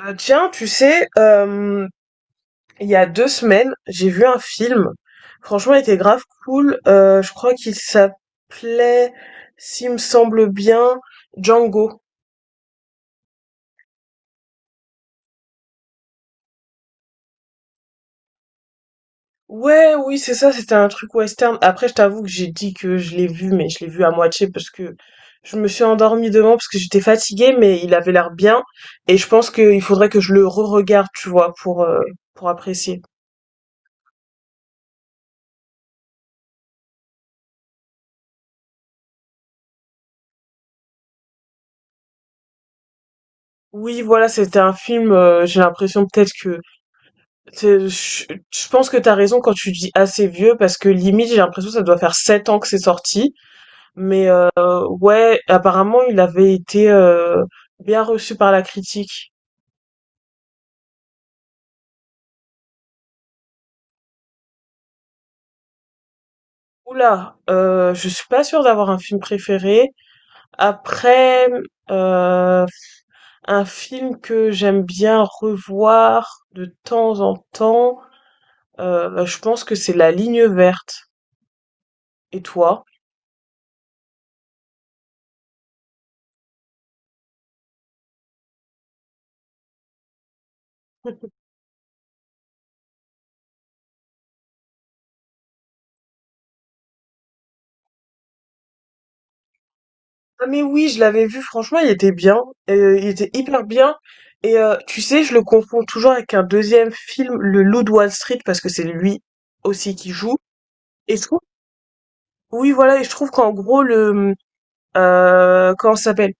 Tiens, tu sais, il y a 2 semaines, j'ai vu un film. Franchement, il était grave cool. Je crois qu'il s'appelait, s'il me semble bien, Django. Ouais, oui, c'est ça, c'était un truc western. Après, je t'avoue que j'ai dit que je l'ai vu, mais je l'ai vu à moitié parce que je me suis endormie devant parce que j'étais fatiguée, mais il avait l'air bien. Et je pense qu'il faudrait que je le re-regarde, tu vois, pour apprécier. Oui, voilà, c'était un film, j'ai l'impression peut-être que C'est je pense que t'as raison quand tu dis «assez vieux» parce que limite, j'ai l'impression que ça doit faire 7 ans que c'est sorti, mais ouais, apparemment, il avait été, bien reçu par la critique. Ouh là, je suis pas sûre d'avoir un film préféré. Après, heu, un film que j'aime bien revoir de temps en temps, je pense que c'est La Ligne verte et toi? Ah mais oui, je l'avais vu, franchement, il était bien, il était hyper bien. Et tu sais, je le confonds toujours avec un deuxième film, Le Loup de Wall Street, parce que c'est lui aussi qui joue. Et je trouve, oui, voilà, et je trouve qu'en gros, comment ça s'appelle?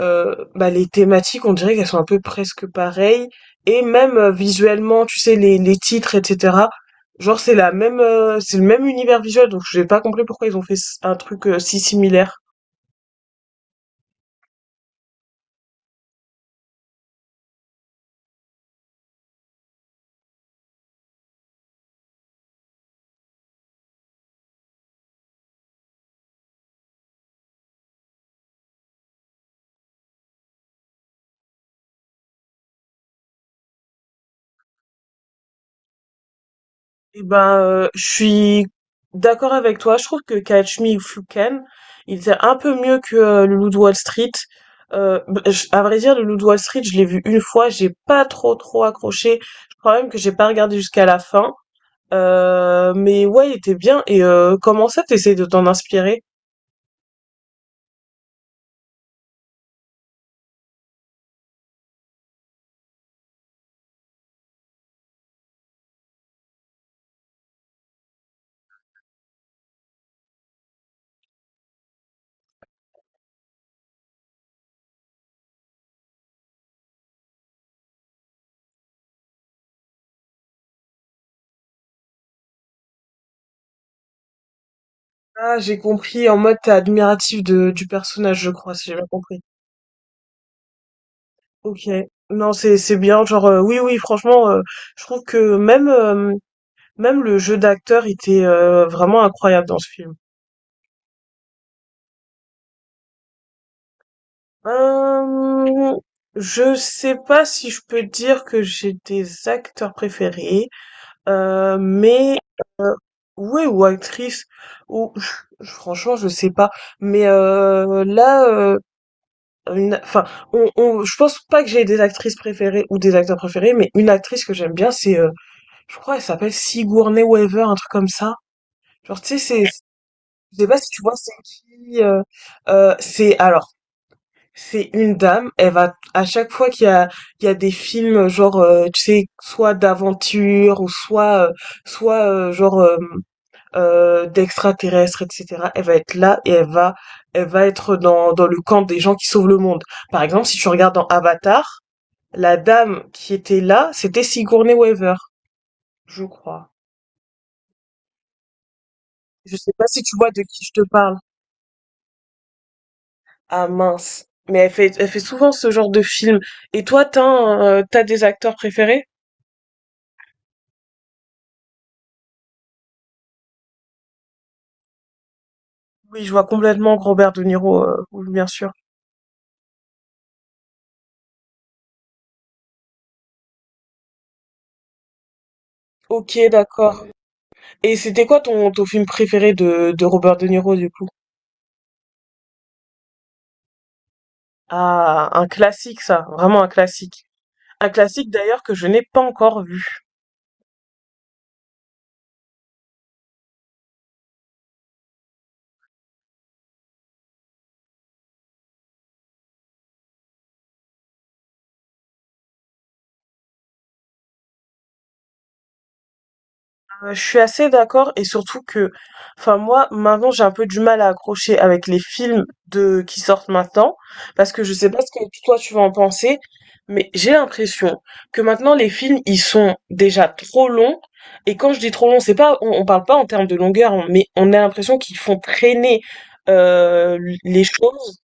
Bah, les thématiques, on dirait qu'elles sont un peu presque pareilles et même, visuellement, tu sais, les titres et cetera. Genre, c'est le même univers visuel, donc j'ai pas compris pourquoi ils ont fait s un truc, si similaire. Eh ben, je suis d'accord avec toi. Je trouve que Catch Me If You Can, il était un peu mieux que Le Loup de Wall Street. À vrai dire, Le Loup de Wall Street, je l'ai vu une fois, j'ai pas trop trop accroché. Je crois même que j'ai pas regardé jusqu'à la fin. Mais ouais, il était bien. Et comment ça, t'essayes de t'en inspirer? Ah, j'ai compris. En mode, t'es admiratif du personnage, je crois, si j'ai bien compris. Ok. Non, c'est bien. Genre, oui, oui, franchement, je trouve que même le jeu d'acteur était, vraiment incroyable dans ce film. Hem, je sais pas si je peux dire que j'ai des acteurs préférés, mais ouais ou actrices ou franchement je sais pas. Mais, là, une enfin on je pense pas que j'ai des actrices préférées ou des acteurs préférés, mais une actrice que j'aime bien c'est, je crois elle s'appelle Sigourney Weaver, un truc comme ça. Genre tu sais c'est je sais pas si tu vois c'est qui? Heu, c'est alors C'est une dame, elle va à chaque fois qu'il y a des films genre tu sais soit d'aventure ou soit d'extraterrestres etc. Elle va être là et elle va être dans le camp des gens qui sauvent le monde. Par exemple, si tu regardes dans Avatar, la dame qui était là, c'était Sigourney Weaver, je crois. Je sais pas si tu vois de qui je te parle. Ah mince. Mais elle fait souvent ce genre de film. Et toi, t'as des acteurs préférés? Oui, je vois complètement Robert De Niro, oui, bien sûr. Ok, d'accord. Et c'était quoi ton film préféré de Robert De Niro, du coup? Ah, un classique, ça, vraiment un classique. Un classique d'ailleurs que je n'ai pas encore vu. Je suis assez d'accord et surtout que, enfin moi maintenant j'ai un peu du mal à accrocher avec les films de qui sortent maintenant parce que je sais pas ce que toi tu vas en penser, mais j'ai l'impression que maintenant les films ils sont déjà trop longs et quand je dis trop long c'est pas on parle pas en termes de longueur hein, mais on a l'impression qu'ils font traîner euh, les choses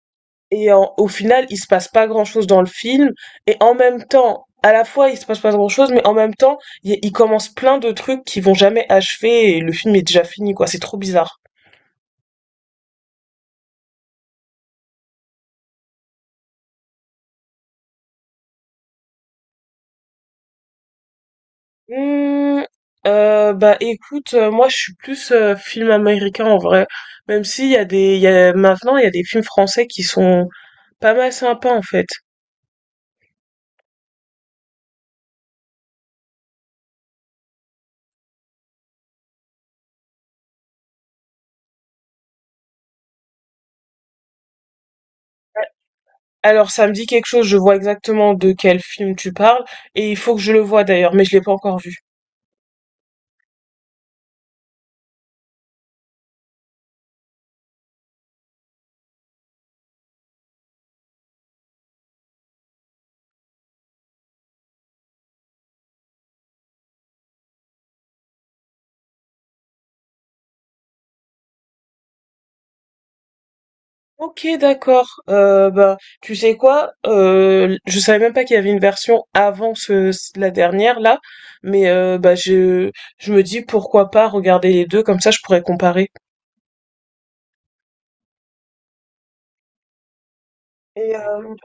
et en au final, il se passe pas grand-chose dans le film et en même temps, à la fois, il se passe pas grand-chose mais en même temps, il commence plein de trucs qui vont jamais achever et le film est déjà fini quoi, c'est trop bizarre. Mmh, bah écoute, moi je suis plus film américain en vrai, même s'il y a maintenant il y a des films français qui sont pas mal sympas en fait. Alors ça me dit quelque chose, je vois exactement de quel film tu parles, et il faut que je le voie d'ailleurs, mais je l'ai pas encore vu. Ok, d'accord. Bah, tu sais quoi? Je savais même pas qu'il y avait une version avant la dernière là, mais bah je me dis pourquoi pas regarder les deux, comme ça je pourrais comparer. Et euh,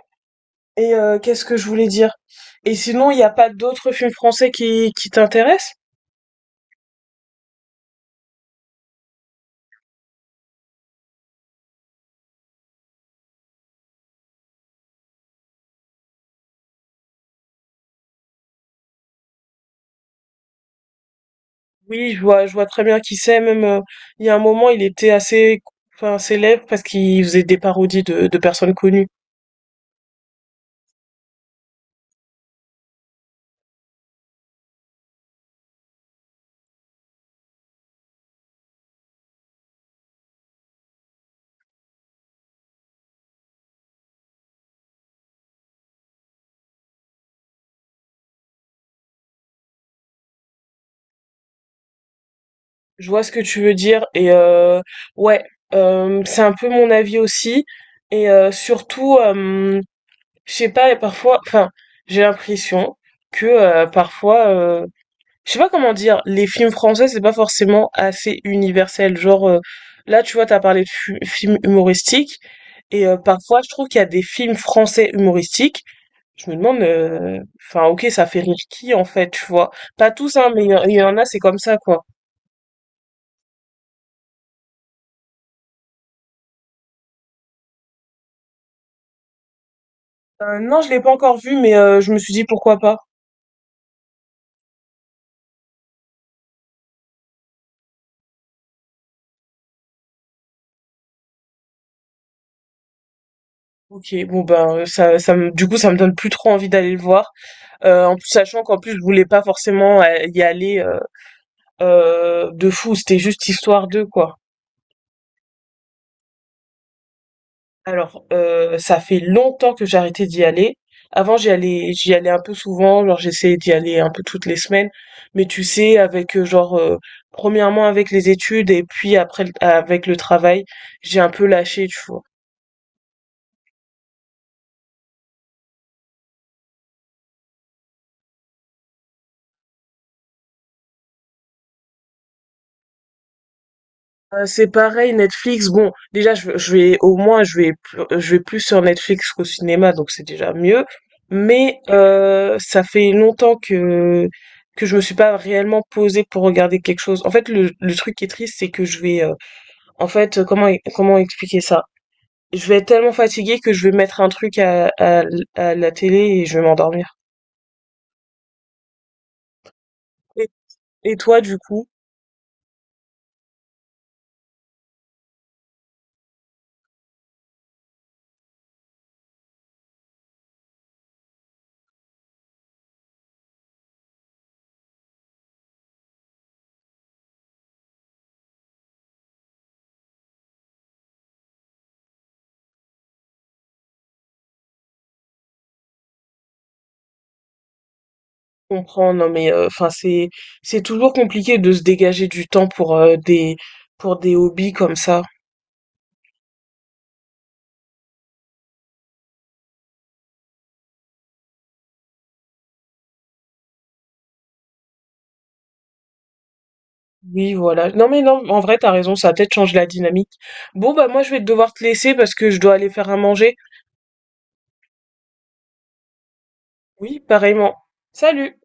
Et qu'est-ce que je voulais dire? Et sinon, il n'y a pas d'autres films français qui t'intéressent? Oui, je vois très bien qui c'est. Même il y a un moment, il était assez, enfin, célèbre parce qu'il faisait des parodies de personnes connues. Je vois ce que tu veux dire. Et ouais, c'est un peu mon avis aussi. Et surtout, je sais pas, et parfois, enfin, j'ai l'impression que parfois, je sais pas comment dire, les films français, c'est pas forcément assez universel. Genre, là, tu vois, t'as parlé de films humoristiques, et parfois, je trouve qu'il y a des films français humoristiques. Je me demande, enfin, ok, ça fait rire qui, en fait, tu vois. Pas tous, hein, mais il y en a, c'est comme ça, quoi. Non, je l'ai pas encore vu, mais je me suis dit, pourquoi pas. Ok, bon, ben, du coup, ça me donne plus trop envie d'aller le voir. En plus, sachant qu'en plus, je voulais pas forcément y aller de fou, c'était juste histoire de, quoi. Alors, ça fait longtemps que j'ai arrêté d'y aller. Avant, j'y allais un peu souvent, genre j'essayais d'y aller un peu toutes les semaines, mais tu sais avec, genre, 1°, avec les études et puis après l avec le travail, j'ai un peu lâché, tu vois? C'est pareil Netflix, bon, déjà je vais au moins je vais plus sur Netflix qu'au cinéma, donc c'est déjà mieux. Mais ça fait longtemps que je me suis pas réellement posée pour regarder quelque chose. En fait, le truc qui est triste, c'est que je vais, en fait, comment expliquer ça? Je vais être tellement fatiguée que je vais mettre un truc à la télé et je vais m'endormir. Et et toi, du coup? Comprends, non mais enfin c'est toujours compliqué de se dégager du temps pour des hobbies comme ça. Oui, voilà. Non mais non, en vrai, t'as raison, ça a peut-être changé la dynamique. Bon, bah, moi, je vais devoir te laisser parce que je dois aller faire à manger. Oui, pareillement. Salut!